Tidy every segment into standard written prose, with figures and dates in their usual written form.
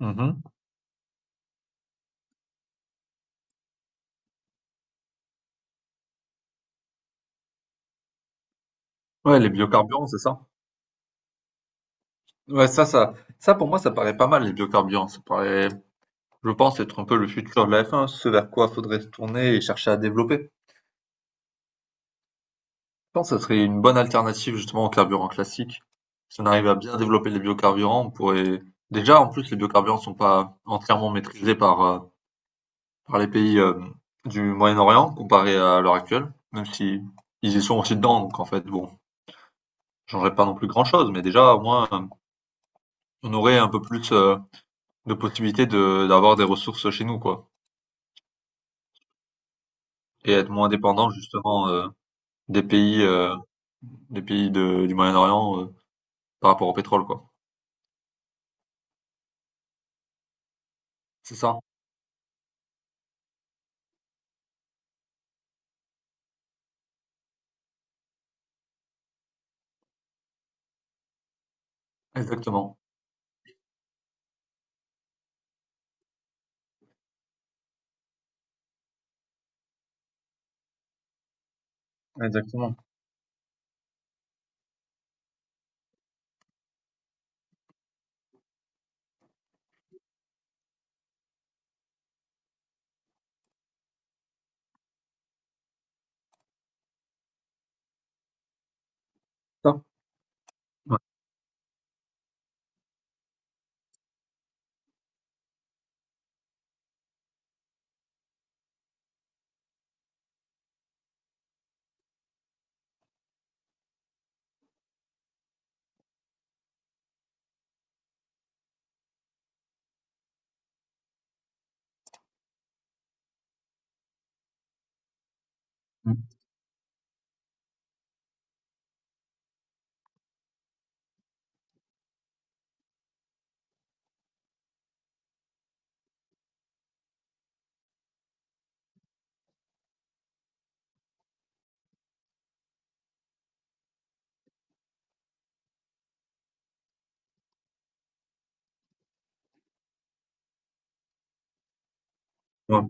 Mmh. Ouais, les biocarburants, c'est ça? Ouais, ça pour moi, ça paraît pas mal, les biocarburants. Ça paraît, je pense, être un peu le futur de la F1, ce vers quoi faudrait se tourner et chercher à développer. Je pense que ça serait une bonne alternative justement aux carburants classiques. Si on arrive à bien développer les biocarburants, on pourrait déjà, en plus, les biocarburants sont pas entièrement maîtrisés par par les pays du Moyen-Orient, comparé à l'heure actuelle, même si ils y sont aussi dedans, donc en fait, bon, ça changerait pas non plus grand-chose, mais déjà, au moins, on aurait un peu plus de possibilités de d'avoir des ressources chez nous, quoi. Et être moins dépendant justement des pays euh, des pays du Moyen-Orient par rapport au pétrole, quoi. C'est ça, exactement. Exactement. Ça. Ouais. Mm. Ouais.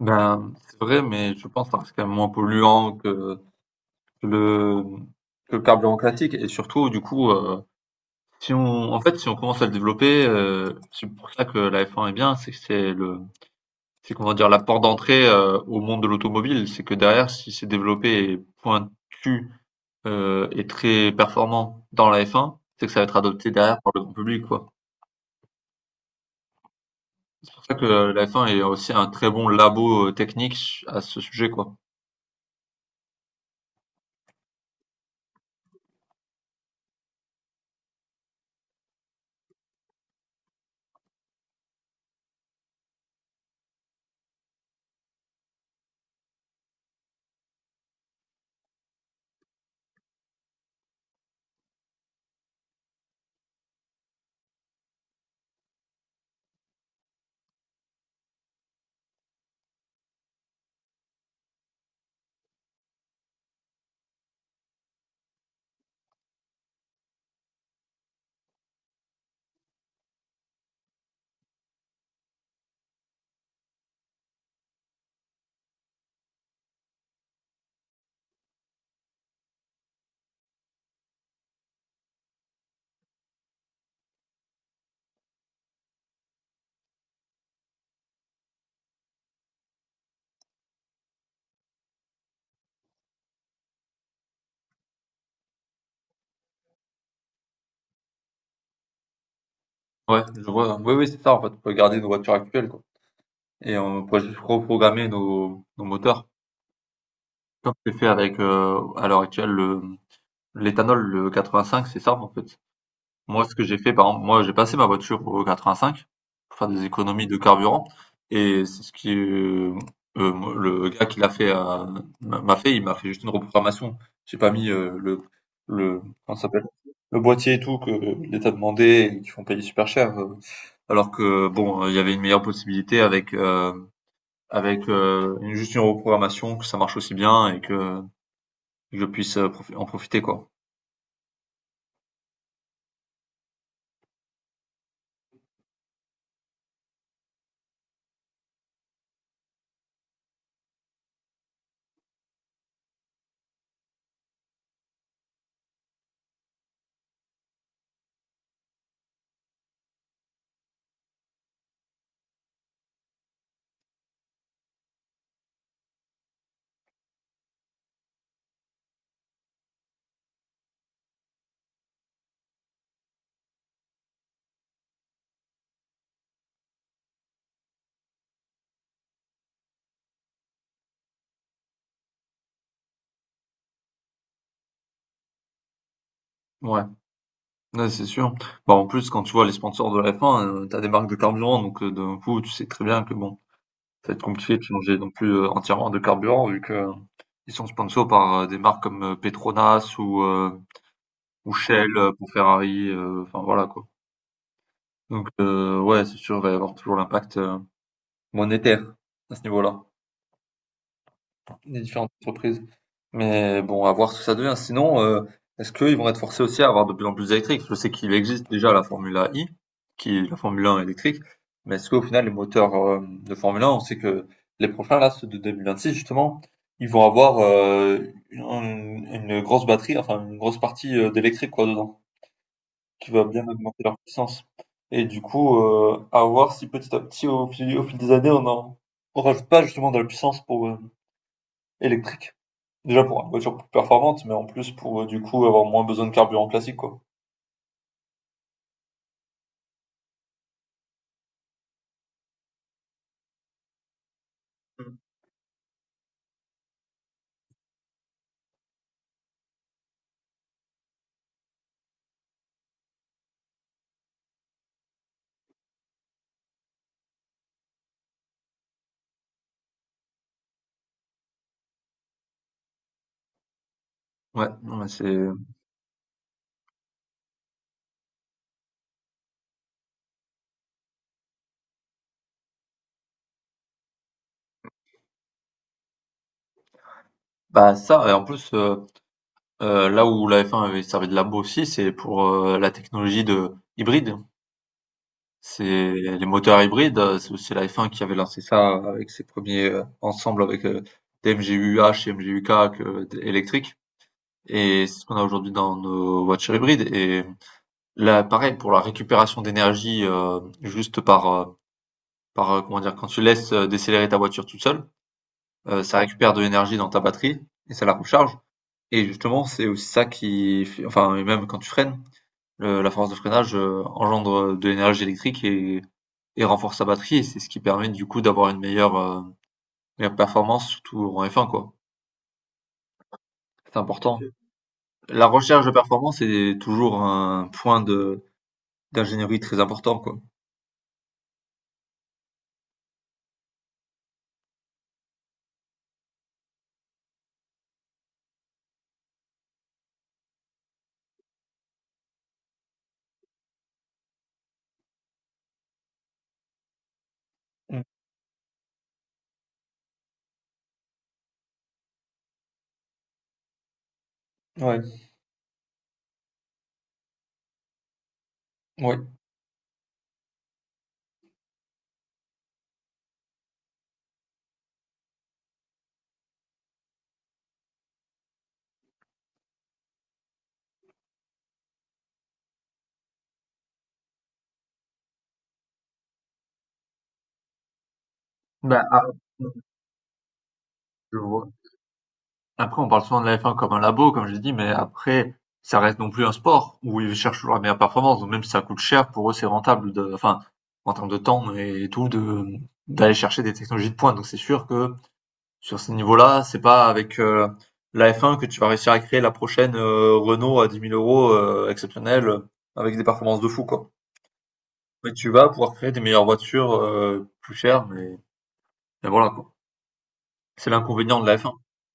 Ben, c'est vrai, mais je pense que ça reste quand même moins polluant que le le carburant classique. Et surtout, du coup, si on commence à le développer, c'est pour ça que la F1 est bien, c'est que c'est comment dire la porte d'entrée au monde de l'automobile. C'est que derrière, si c'est développé et pointu et très performant dans la F1, c'est que ça va être adopté derrière par le grand public, quoi. C'est pour ça que la F1 est aussi un très bon labo technique à ce sujet, quoi. Ouais, je vois. Oui, oui, c'est ça, en fait. On peut garder nos voitures actuelles, quoi. Et on pourrait juste reprogrammer nos moteurs, comme c'est fait avec, à l'heure actuelle, l'éthanol, le 85, c'est ça, en fait. Moi, ce que j'ai fait, par exemple, moi, j'ai passé ma voiture au 85 pour faire des économies de carburant. Et le gars qui l'a fait il m'a fait juste une reprogrammation. J'ai pas mis le le comment ça s'appelle, le boîtier et tout, que l'État demandait et qui font payer super cher. Alors que bon, il y avait une meilleure possibilité avec juste une reprogrammation, que ça marche aussi bien et que je puisse en profiter, quoi. Ouais. Ouais, c'est sûr. Bah, en plus, quand tu vois les sponsors de la F1, tu as des marques de carburant, donc d'un coup, tu sais très bien que bon, ça va être compliqué de changer non plus entièrement de carburant, vu que ils sont sponsors par des marques comme Petronas ou Shell, pour Ferrari, enfin voilà, quoi. Donc ouais, c'est sûr, il va y avoir toujours l'impact monétaire à ce niveau-là. Les différentes entreprises. Mais bon, à voir ce que ça devient. Sinon, est-ce qu'ils vont être forcés aussi à avoir de plus en plus d'électriques? Je sais qu'il existe déjà la Formule I, qui est la Formule 1 électrique, mais est-ce qu'au final, les moteurs de Formule 1, on sait que les prochains, là, ceux de 2026, justement, ils vont avoir une grosse batterie, enfin une grosse partie d'électrique, quoi, dedans, qui va bien augmenter leur puissance. Et du coup, à voir si petit à petit, au fil des années, on rajoute pas justement de la puissance pour électrique. Déjà pour une voiture plus performante, mais en plus pour, du coup, avoir moins besoin de carburant classique, quoi. Mmh. Ouais, non, mais c'est bah, ça, et en plus, là où la F1 avait servi de labo aussi, c'est pour, la technologie de hybride. C'est les moteurs hybrides, c'est aussi la F1 qui avait lancé ça avec ses premiers, ensembles avec, des MGUH et MGUK que d électriques, et c'est ce qu'on a aujourd'hui dans nos voitures hybrides. Et là, pareil pour la récupération d'énergie, juste par, comment dire, quand tu laisses décélérer ta voiture toute seule, ça récupère de l'énergie dans ta batterie et ça la recharge. Et justement, c'est aussi ça qui enfin, et même quand tu freines, la force de freinage engendre de l'énergie électrique, et renforce ta batterie, et c'est ce qui permet du coup d'avoir une meilleure performance, surtout en F1, quoi. C'est important. La recherche de performance est toujours un point de d'ingénierie très important, quoi. Bah, ah, je vois. Après, on parle souvent de la F1 comme un labo, comme j'ai dit, mais après, ça reste non plus un sport où ils cherchent toujours la meilleure performance. Donc même si ça coûte cher, pour eux, c'est rentable de, enfin, en termes de temps et tout, d'aller chercher des technologies de pointe. Donc c'est sûr que sur ces niveaux-là, c'est pas avec la F1 que tu vas réussir à créer la prochaine Renault à 10 000 euros exceptionnelle avec des performances de fou, quoi. Mais tu vas pouvoir créer des meilleures voitures plus chères, mais voilà, quoi. C'est l'inconvénient de la F1.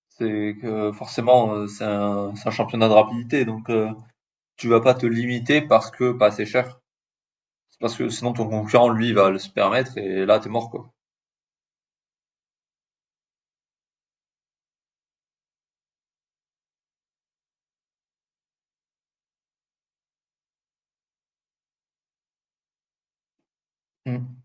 C'est que forcément, c'est un championnat de rapidité, donc tu vas pas te limiter parce que pas assez cher. C'est parce que sinon ton concurrent, lui, va le se permettre et là, t'es mort, quoi. Mm.